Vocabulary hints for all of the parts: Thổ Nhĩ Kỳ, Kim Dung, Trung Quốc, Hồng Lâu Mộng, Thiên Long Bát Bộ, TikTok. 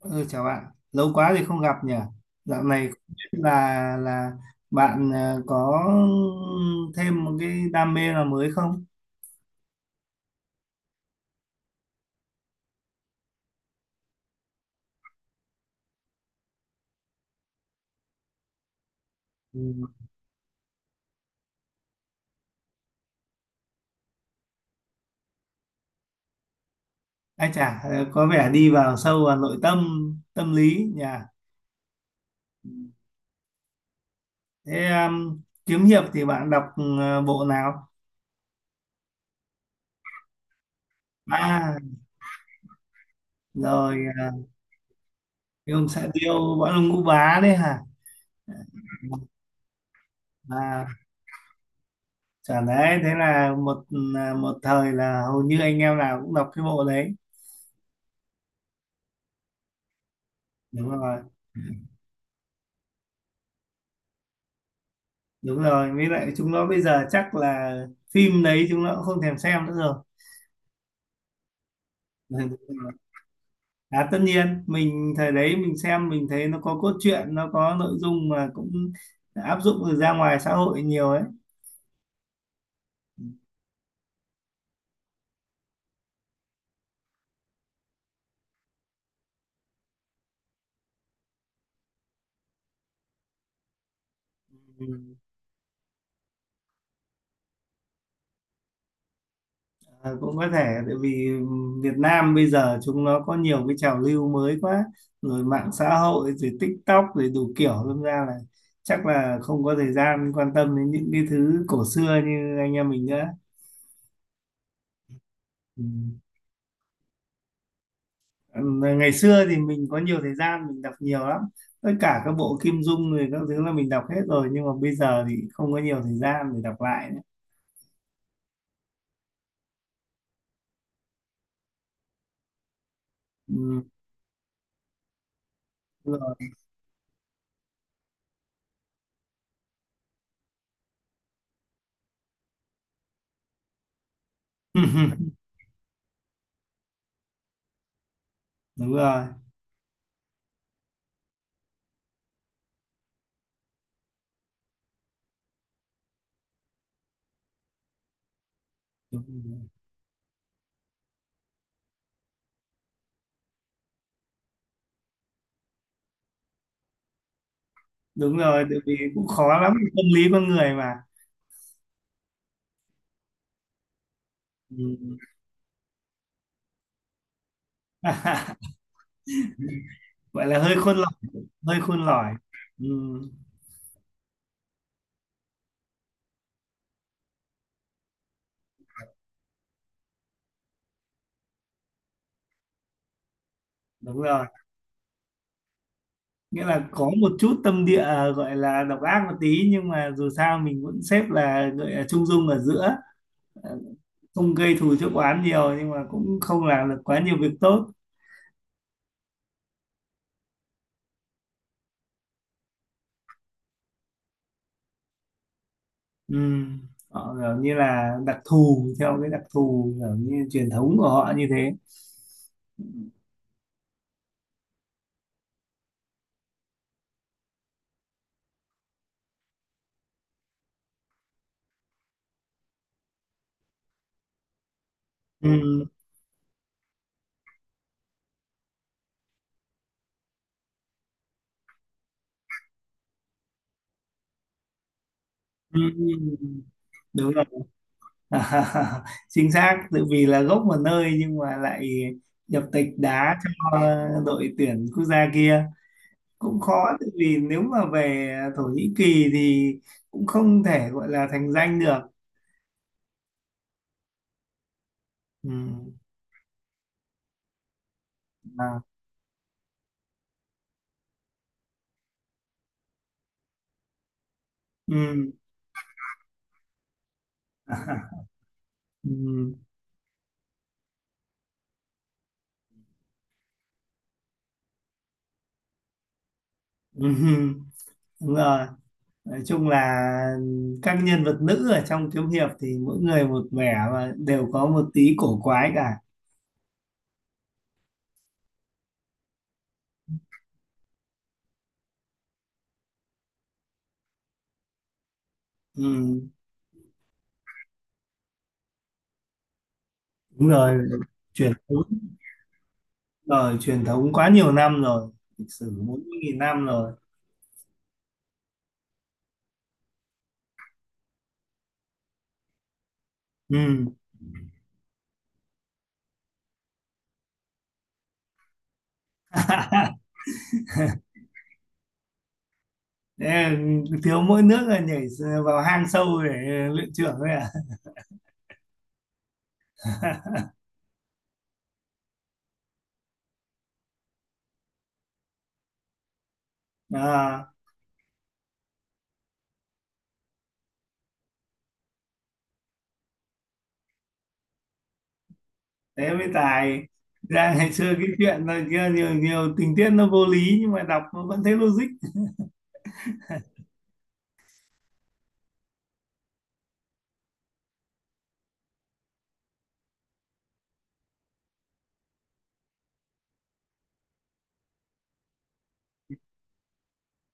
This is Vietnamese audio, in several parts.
Ừ, chào bạn, lâu quá thì không gặp nhỉ. Dạo này không biết là bạn có thêm một cái đam mê nào mới không? Ừ. Ai chả có vẻ đi vào sâu vào nội tâm tâm lý nhỉ. Thế kiếm hiệp thì bạn đọc bộ nào? À, rồi. Ông xã điêu võ lâm ngũ bá đấy hả? À, chả đấy, thế là một thời là hầu như anh em nào cũng đọc cái bộ đấy. Đúng rồi. Đúng rồi, với lại chúng nó bây giờ chắc là phim đấy chúng nó cũng không thèm xem nữa rồi. À, tất nhiên mình thời đấy mình xem mình thấy nó có cốt truyện, nó có nội dung mà cũng áp dụng được ra ngoài xã hội nhiều ấy. Ừ. À, cũng có thể tại vì Việt Nam bây giờ chúng nó có nhiều cái trào lưu mới quá, rồi mạng xã hội, rồi TikTok, rồi đủ kiểu, đâm ra là chắc là không có thời gian quan tâm đến những cái thứ cổ xưa như anh em mình nữa. Ừ. Ngày xưa thì mình có nhiều thời gian mình đọc nhiều lắm, tất cả các bộ Kim Dung rồi các thứ là mình đọc hết rồi, nhưng mà bây giờ thì không có nhiều thời gian để đọc lại nữa. Ừ, đúng rồi. Đúng rồi. Đúng rồi. Đúng rồi, tại vì cũng khó lắm, tâm lý con người mà. Ừ. Gọi là hơi khôn lỏi. Hơi khôn lỏi. Ừ. Đúng rồi, nghĩa là có một chút tâm địa à, gọi là độc ác một tí, nhưng mà dù sao mình vẫn xếp là gọi là trung dung ở giữa, không gây thù chuốc oán nhiều, nhưng mà cũng không làm được quá nhiều việc tốt. Ừ. Họ kiểu như là đặc thù theo cái đặc thù kiểu như truyền thống của họ như thế. Ừ. Ừ. Đúng rồi. Chính xác, tự vì là gốc một nơi nhưng mà lại nhập tịch đá cho đội tuyển quốc gia kia, cũng khó tự vì nếu mà về Thổ Nhĩ Kỳ thì cũng không thể gọi là thành danh được. Ừ. À. Ừ. Ừ. Ừ, đúng rồi, nói chung là các nhân vật nữ ở trong kiếm hiệp thì mỗi người một vẻ và đều có một tí cổ quái cả. Ừ, đúng rồi, truyền thống. Rồi truyền thống quá nhiều năm rồi, lịch sử 40.000 năm rồi. Ừ. Thế thiếu mỗi nước là nhảy vào hang sâu để luyện trưởng thôi à? À, thế mới tài. Ra ngày xưa cái chuyện là kia nhiều, nhiều tình tiết nó vô lý nhưng mà đọc nó vẫn thấy logic.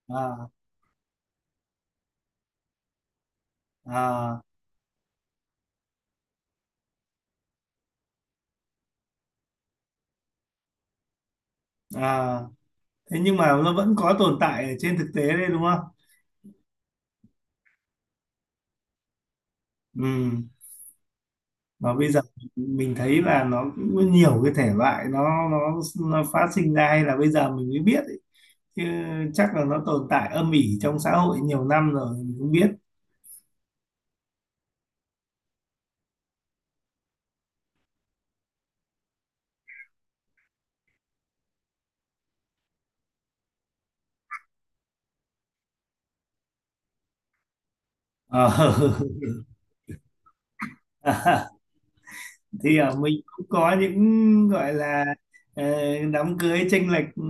À. À. À, thế nhưng mà nó vẫn có tồn tại ở trên thực tế đấy đúng không? Ừ. Và bây giờ mình thấy là nó cũng có nhiều cái thể loại nó nó nó phát sinh ra hay là bây giờ mình mới biết ấy. Chứ chắc là nó tồn tại âm ỉ trong xã hội nhiều năm rồi mình cũng biết. Ờ. Thì ở mình cũng có những gọi là ờ, đám cưới chênh lệch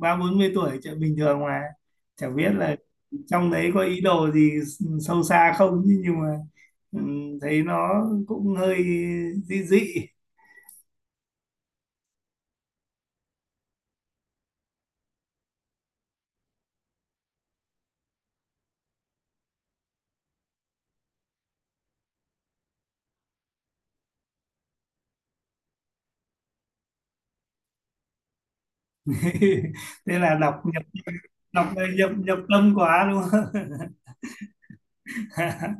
30-40 tuổi chuyện bình thường mà, chẳng biết là trong đấy có ý đồ gì sâu xa không chứ, nhưng mà ừ, thấy nó cũng hơi dị dị. Thế là đọc nhập đọc ờ, nhập nhập tâm quá đúng không?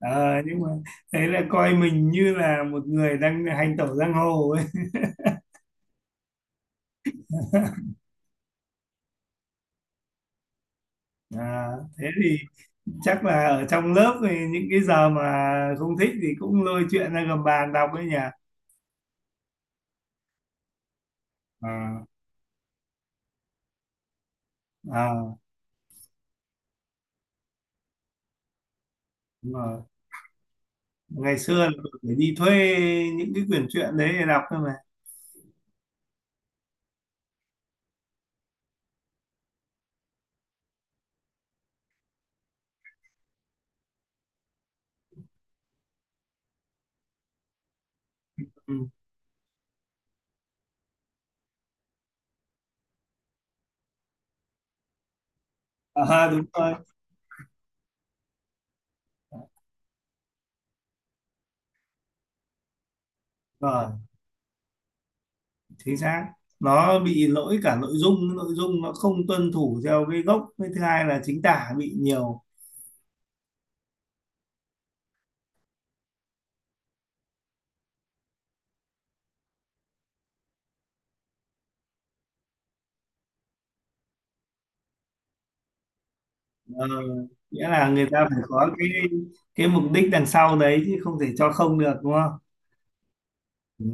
Ờ, nhưng mà thế là coi mình như là một người đang hành tẩu giang hồ ấy. À, thế thì chắc là ở trong lớp thì những cái giờ mà không thích thì cũng lôi chuyện ra gầm bàn đọc ấy nhỉ. À. À, đúng rồi. Ngày xưa là tôi phải đi thuê những cái quyển truyện đấy để đọc thôi mà. Ừ. À, đúng rồi. Rồi. Chính xác, nó bị lỗi cả nội dung, nội dung nó không tuân thủ theo cái gốc, với thứ hai là chính tả bị nhiều. Ờ, nghĩa là người ta phải có cái mục đích đằng sau đấy chứ không thể cho không được đúng không? Ừ.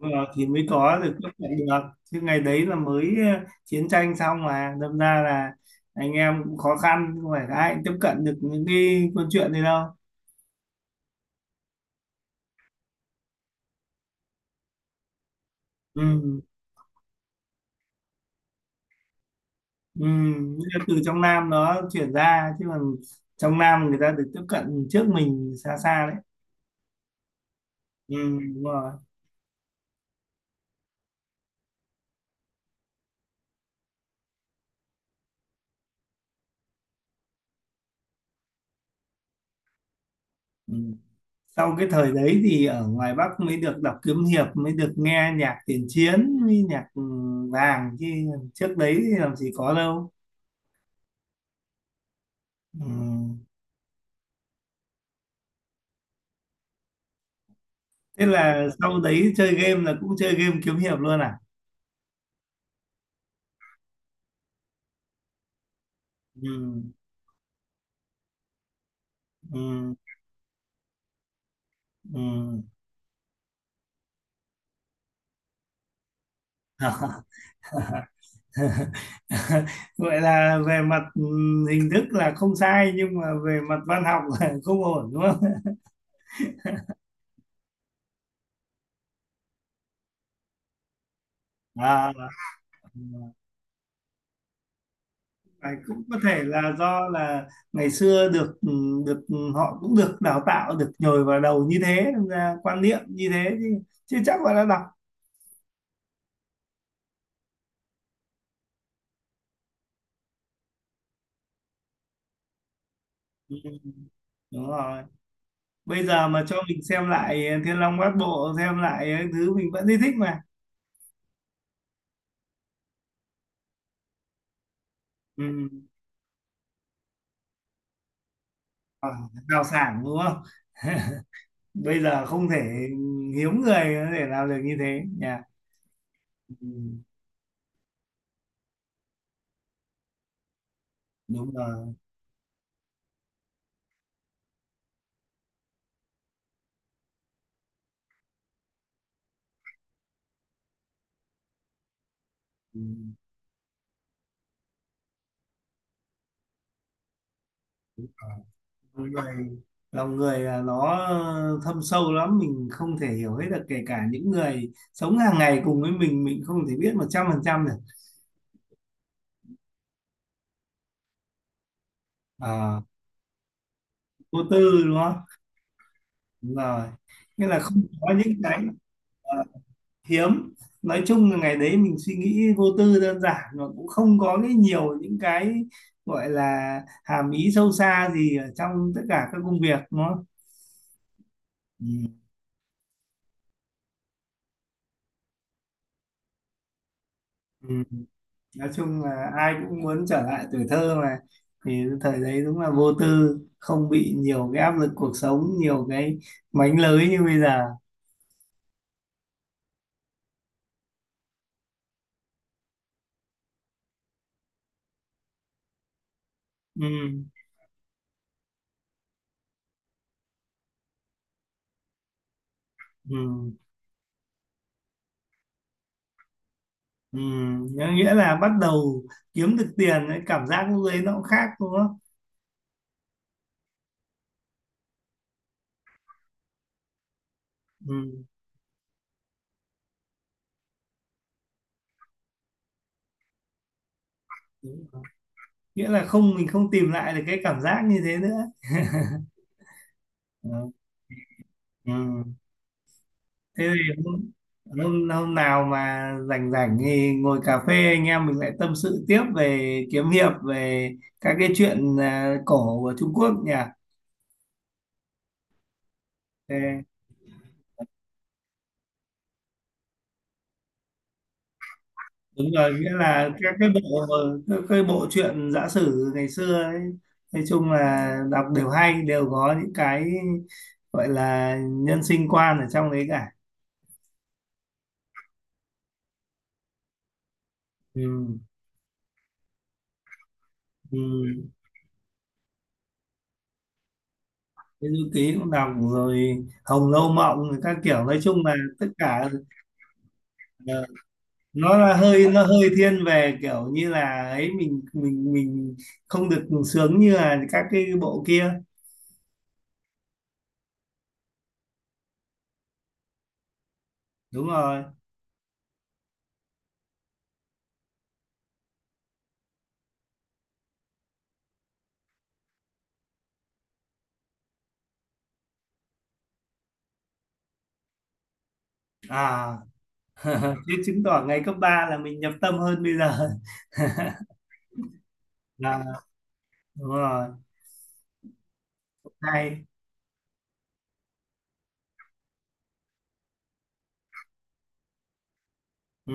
Đúng rồi, thì mới có được tiếp cận được, chứ ngày đấy là mới chiến tranh xong mà đâm ra là anh em cũng khó khăn, không phải ai cũng tiếp cận được những cái câu chuyện này đâu. Ừ. Ừ. Nhưng mà từ trong Nam nó chuyển ra chứ còn trong Nam người ta được tiếp cận trước mình xa xa đấy. Ừ. Đúng rồi. Ừ. Sau cái thời đấy thì ở ngoài Bắc mới được đọc kiếm hiệp, mới được nghe nhạc tiền chiến với nhạc vàng, chứ trước đấy thì làm gì có đâu. Ừ. Thế là sau đấy chơi game là cũng chơi game kiếm hiệp luôn à? Ừ, ừ, ừ. Vậy là về mặt hình thức là không sai nhưng mà về mặt văn học là không ổn đúng không? À, à, cũng có thể là do là ngày xưa được họ cũng được đào tạo, được nhồi vào đầu như thế nên ra quan niệm như thế chứ, chứ chắc là đã đọc. Ừ, đúng rồi. Bây giờ mà cho mình xem lại Thiên Long Bát Bộ xem lại cái thứ mình vẫn thấy thích mà. Ừ. Ờ, đào sản đúng không? Bây giờ không thể, hiếm người để làm được như thế nhỉ. Ừ. Đúng rồi. Ừ. Con người, lòng người là nó thâm sâu lắm, mình không thể hiểu hết được, kể cả những người sống hàng ngày cùng với mình không thể biết 100% được. Ờ, vô tư đúng không? Đúng rồi, nghĩa là không có những cái ờ, hiếm, nói chung là ngày đấy mình suy nghĩ vô tư đơn giản mà cũng không có cái nhiều những cái gọi là hàm ý sâu xa gì ở trong tất cả các công việc nó. Ừ. Ừ. Nói chung là ai cũng muốn trở lại tuổi thơ mà, thì thời đấy đúng là vô tư, không bị nhiều cái áp lực cuộc sống, nhiều cái mánh lới như bây giờ. Ừ. Ừ. Ừ. Nghĩa là bắt đầu kiếm được tiền cái cảm giác lúc đấy nó cũng khác đúng không? Ừ. Nghĩa là không mình không tìm lại được cái cảm giác như thế nữa. Ừ. Ừ. Thế thì hôm, hôm hôm nào mà rảnh rảnh thì ngồi cà phê anh em mình lại tâm sự tiếp về kiếm hiệp, về các cái chuyện cổ của Trung Quốc nhỉ. Thế- Đúng rồi, nghĩa là các cái bộ truyện giã sử ngày xưa ấy, nói chung là đọc đều hay, đều có những cái gọi là nhân sinh quan ở trong đấy cả. Ừ. Ừ. Cái du ký cũng đọc rồi, Hồng Lâu Mộng rồi các kiểu, nói chung là tất cả. ờ, nó hơi thiên về kiểu như là ấy, mình không được sướng như là các cái bộ kia. Đúng rồi. À, thế chứng tỏ ngày cấp 3 là mình nhập tâm hơn bây giờ. Là đúng rồi. Hay. Ừ.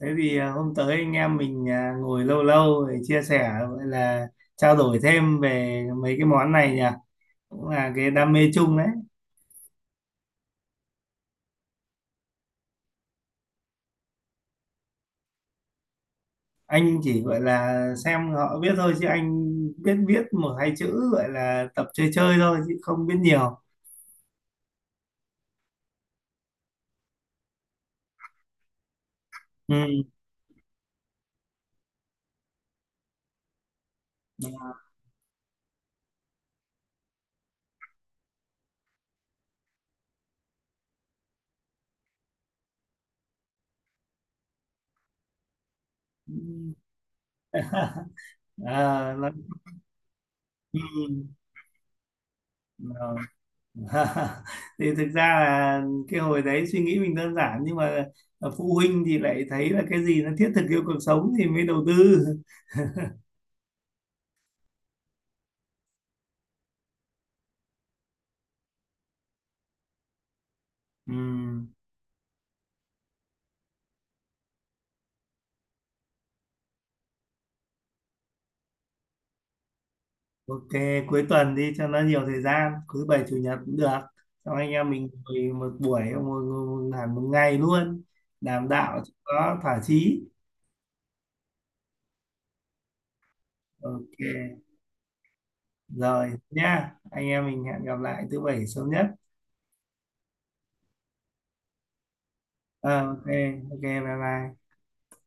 Thế thì hôm tới anh em mình ngồi lâu lâu để chia sẻ, gọi là trao đổi thêm về mấy cái món này nhỉ, cũng là cái đam mê chung đấy. Anh chỉ gọi là xem họ biết thôi, chứ anh biết biết một hai chữ gọi là tập chơi chơi thôi chứ không biết nhiều. Ừ. À, nó-. Ừ. Rồi. Thì thực ra là cái hồi đấy suy nghĩ mình đơn giản, nhưng mà phụ huynh thì lại thấy là cái gì nó thiết thực, yêu cuộc sống thì mới đầu tư. Ừ. Ok, cuối tuần đi cho nó nhiều thời gian, cuối bảy chủ nhật cũng được. Xong anh em mình ngồi một buổi, một, một, một, hẳn một ngày luôn, đàm đạo cho nó thỏa chí. Ok, rồi nhá, anh em mình hẹn gặp lại thứ bảy sớm nhất. Ờ, ok, ok, bye bye.